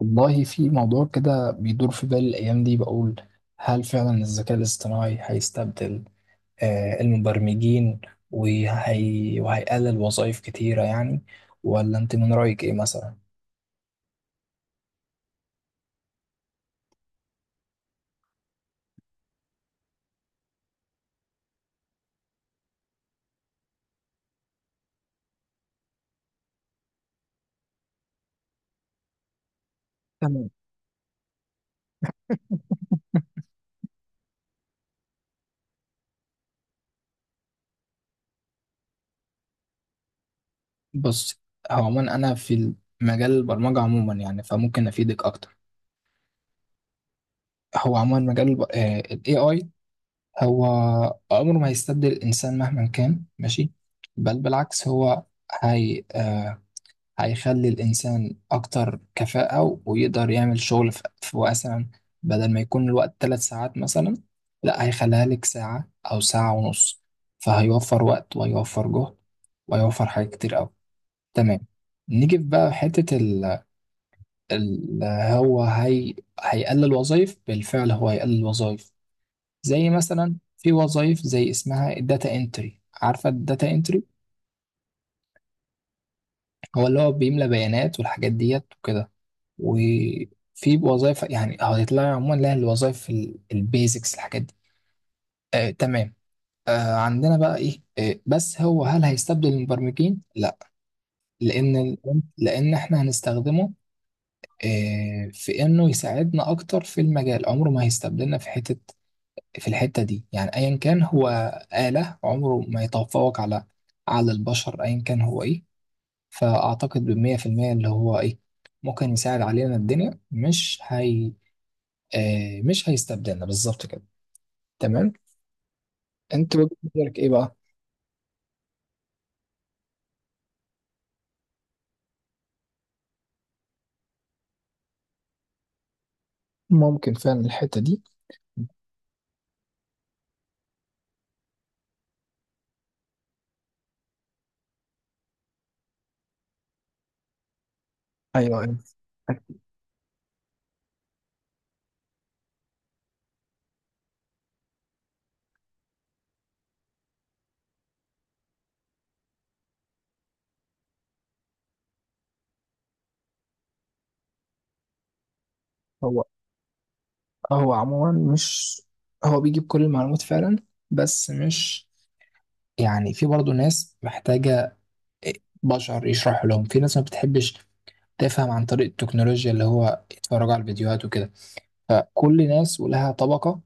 والله في موضوع كده بيدور في بالي الأيام دي، بقول هل فعلا الذكاء الاصطناعي هيستبدل المبرمجين وهيقلل وظائف كتيرة يعني، ولا أنت من رأيك إيه مثلا؟ تمام. بص، هو عموما أنا في مجال البرمجة عموما، يعني فممكن أفيدك أكتر. هو عموما مجال ال AI هو عمره ما هيستبدل الإنسان مهما كان، ماشي. بل بالعكس، هو هي آه، هيخلي الإنسان أكتر كفاءة ويقدر يعمل شغل في مثلا، بدل ما يكون الوقت ثلاث ساعات مثلا، لا هيخليها لك ساعة أو ساعة ونص. فهيوفر وقت وهيوفر جهد وهيوفر حاجات كتير أوي. تمام. نيجي في بقى حتة ال هو هي هيقلل وظائف بالفعل، هو هيقلل وظائف. زي مثلا في وظائف زي اسمها الداتا انتري، عارفة الداتا انتري، هو اللي هو بيملى بيانات والحاجات ديت وكده. وفي وظائف يعني هتطلع عموما لها الوظائف، البيزكس، الحاجات دي. آه تمام. آه، عندنا بقى ايه، آه بس هو هل هيستبدل المبرمجين؟ لا، لان احنا هنستخدمه آه في انه يساعدنا اكتر في المجال، عمره ما هيستبدلنا في حتة. في الحتة دي يعني ايا كان هو آلة، عمره ما يتفوق على على البشر ايا كان هو ايه. فاعتقد بالمية في المية اللي هو ايه، ممكن يساعد علينا، الدنيا مش هي آه مش هيستبدلنا بالظبط كده. تمام. انت وجهة نظرك ايه بقى؟ ممكن فعلا الحتة دي. ايوه، أيوة. هو هو عموما مش، هو بيجيب كل المعلومات فعلا، بس مش، يعني في برضه ناس محتاجة آه، بشر يشرحوا لهم. في ناس ما بتحبش تفهم عن طريق التكنولوجيا، اللي هو يتفرجوا على الفيديوهات وكده. فكل ناس ولها طبقة.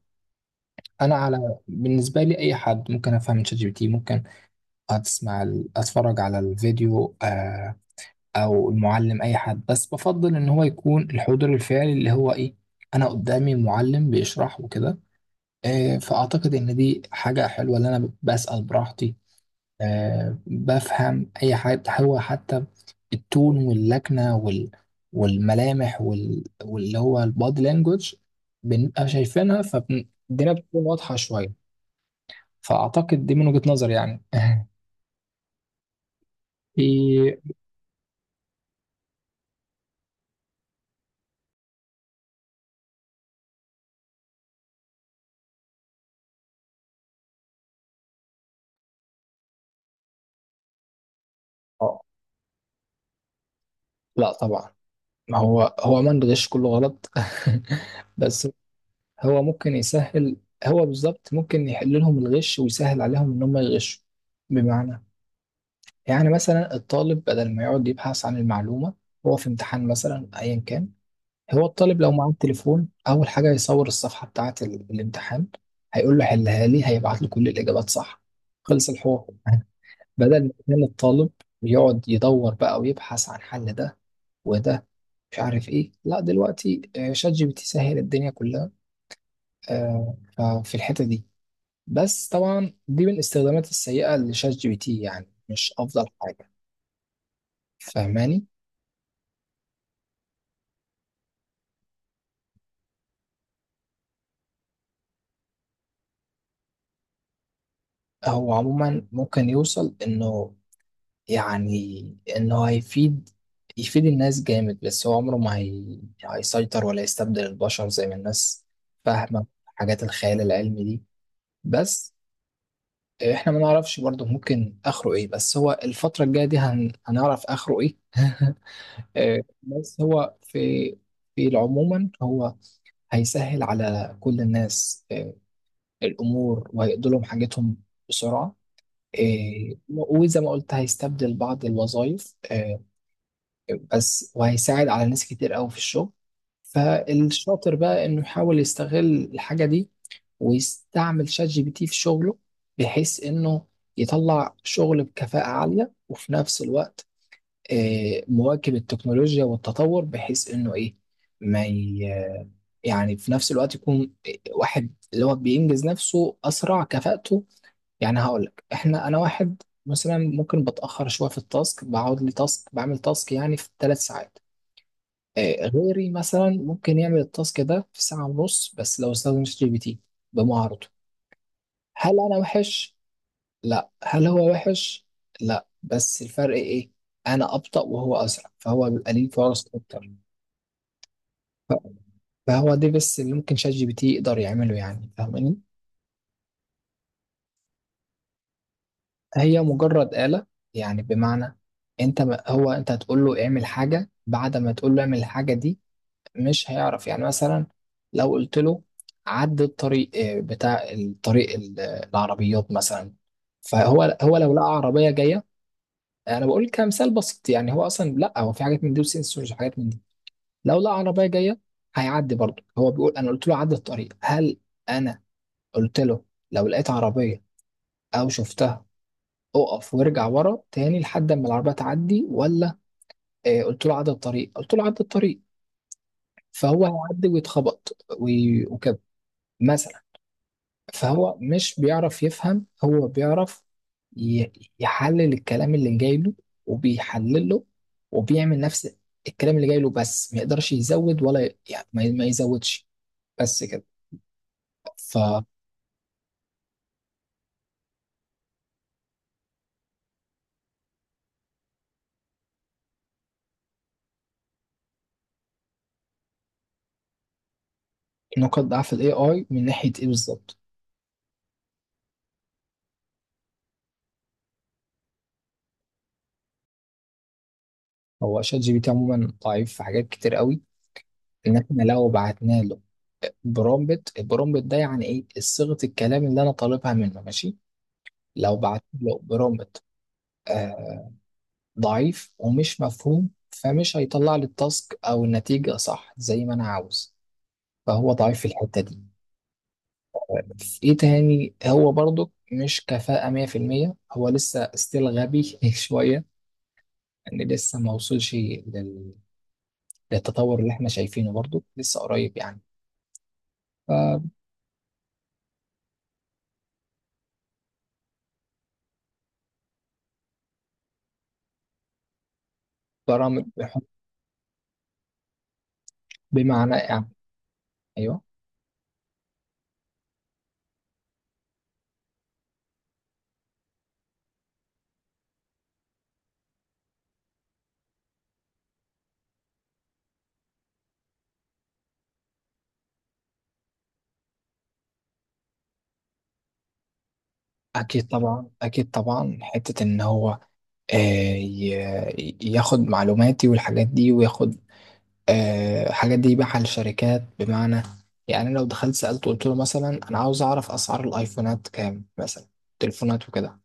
انا، على بالنسبة لي، اي حد ممكن افهم من شات جي بي تي، ممكن اسمع اتفرج على الفيديو او المعلم اي حد. بس بفضل ان هو يكون الحضور الفعلي اللي هو ايه، انا قدامي معلم بيشرح وكده. فاعتقد ان دي حاجة حلوة ان انا بسأل براحتي، بفهم اي حاجة. هو حتى التون واللكنة والملامح واللي هو البادي لانجوج، بنبقى شايفينها فالدنيا بتكون واضحة شوية. فاعتقد دي من وجهة نظري يعني. في آه، لا طبعا. ما هو هو عموما الغش كله غلط. بس هو ممكن يسهل، هو بالظبط ممكن يحل لهم الغش ويسهل عليهم ان هم يغشوا. بمعنى، يعني مثلا الطالب بدل ما يقعد يبحث عن المعلومة، هو في امتحان مثلا ايا كان، هو الطالب لو معاه التليفون اول حاجة يصور الصفحة بتاعة الامتحان، هيقول له حلها لي، هيبعت له كل الاجابات صح، خلص الحوار. بدل ما كان الطالب يقعد يدور بقى ويبحث عن حل. ده وده مش عارف ايه، لا دلوقتي شات جي بي تي سهل الدنيا كلها. آه، ففي الحتة دي، بس طبعا دي من الاستخدامات السيئة لشات جي بي تي، يعني مش افضل حاجة، فاهماني. هو عموما ممكن يوصل انه، يعني انه هيفيد، يفيد الناس جامد، بس هو عمره ما هيسيطر ولا يستبدل البشر زي ما الناس فاهمة، حاجات الخيال العلمي دي. بس احنا ما نعرفش برضه ممكن اخره ايه، بس هو الفترة الجاية دي هنعرف اخره ايه. بس هو في، في عموما هو هيسهل على كل الناس الامور وهيقضي لهم حاجتهم بسرعة. وزي ما قلت هيستبدل بعض الوظائف، بس وهيساعد على ناس كتير قوي في الشغل. فالشاطر بقى انه يحاول يستغل الحاجة دي ويستعمل شات جي بي تي في شغله، بحيث انه يطلع شغل بكفاءة عالية وفي نفس الوقت مواكب التكنولوجيا والتطور، بحيث انه ايه، ما ي- يعني في نفس الوقت يكون واحد اللي هو بينجز نفسه اسرع، كفاءته. يعني هقول لك، احنا انا واحد مثلا ممكن بتاخر شويه في التاسك، بقعد لي تاسك بعمل تاسك يعني في ثلاث ساعات، غيري مثلا ممكن يعمل التاسك ده في ساعه ونص بس لو استخدم شات جي بي تي بمهارته. هل انا وحش؟ لا. هل هو وحش؟ لا. بس الفرق ايه؟ انا ابطأ وهو اسرع، فهو بيبقى ليه فرص اكتر. ف- فهو ده بس اللي ممكن شات جي بي تي يقدر يعمله، يعني فاهماني. هي مجرد آلة، يعني بمعنى، انت، ما هو انت هتقول له اعمل حاجة، بعد ما تقول له اعمل الحاجة دي مش هيعرف. يعني مثلا لو قلت له عد الطريق، بتاع الطريق العربيات مثلا، فهو لو لقى عربية جاية، انا بقول كمثال بسيط يعني، هو اصلا لا، هو في حاجات من دي وسنسورز وحاجات من دي. لو لقى عربيه جايه هيعدي برضه. هو بيقول انا قلت له عدى الطريق، هل انا قلت له لو لقيت عربيه او شفتها اقف وارجع ورا تاني لحد ما العربيه تعدي؟ ولا آه قلت له عدى الطريق، قلت له عدى الطريق، فهو هيعدي ويتخبط وكده مثلا. فهو مش بيعرف يفهم، هو بيعرف ي- يحلل الكلام اللي جاي له وبيحلله وبيعمل نفس الكلام اللي جاي له، بس ما يقدرش يزود ولا يعني ما يزودش، بس كده. فنقط ضعف الاي اي من ناحيه ايه بالظبط؟ هو شات جي بي تي عموما ضعيف في حاجات كتير قوي، ان احنا لو بعتنا له برومبت، البرومبت ده يعني ايه، صيغه الكلام اللي انا طالبها منه، ماشي. لو بعت له برومبت ضعيف ومش مفهوم، فمش هيطلع لي التاسك او النتيجة صح زي ما انا عاوز، فهو ضعيف في الحتة دي. في ايه تاني، هو برضو مش كفاءة 100%، هو لسه ستيل غبي شوية، ان لسه ما وصلش لل... للتطور اللي احنا شايفينه، برضو لسه قريب يعني. فبرامج بمعنى يعني، ايوه اكيد طبعا، اكيد طبعا. حتة ان هو آه، ياخد معلوماتي والحاجات دي وياخد الحاجات دي يبيعها للشركات. بمعنى، يعني لو دخلت سألت قلت له مثلا أنا عاوز أعرف أسعار الأيفونات كام مثلا، تليفونات وكده،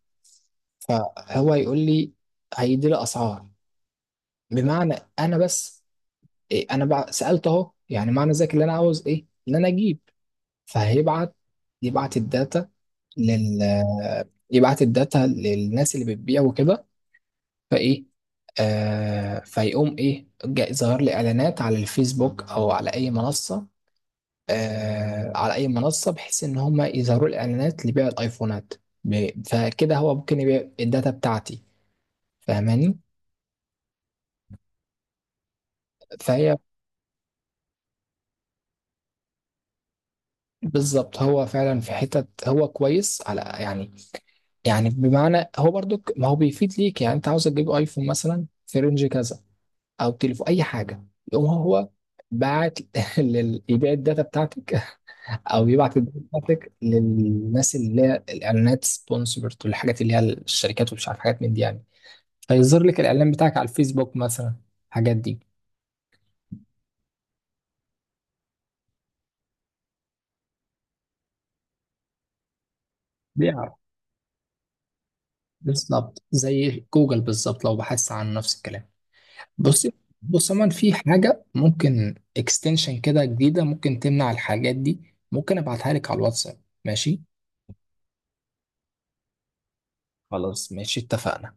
فهو يقول لي، هيدي لي أسعار. بمعنى أنا بس إيه، سألت أهو، يعني معنى ذلك اللي أنا عاوز إيه اللي أنا أجيب. فهيبعت، يبعت الداتا لل، يبعت الداتا للناس اللي بتبيع وكده. فإيه آه فيقوم إيه، ظهر لي إعلانات على الفيسبوك أو على أي منصة، على اي منصه، بحيث ان هم يظهروا الاعلانات لبيع الايفونات. فكده هو ممكن يبيع الداتا بتاعتي، فاهماني. فهي بالظبط، هو فعلا في حتة هو كويس على يعني، يعني بمعنى، هو برضو ما هو بيفيد ليك، يعني انت عاوز تجيب ايفون مثلا في رينج كذا او تليفون اي حاجه، يقوم هو باعت لل... يبيع الداتا بتاعتك، او يبعت الداتا بتاعتك للناس اللي هي الاعلانات سبونسرد والحاجات اللي هي الشركات ومش عارف حاجات من دي يعني، هيظهر لك الاعلان بتاعك على الفيسبوك مثلا، الحاجات دي. بيعرف بالظبط زي جوجل بالظبط لو بحثت عن نفس الكلام. بص، بص من في حاجة ممكن اكستنشن كده جديدة ممكن تمنع الحاجات دي، ممكن ابعتها لك على الواتساب، ماشي؟ خلاص ماشي اتفقنا.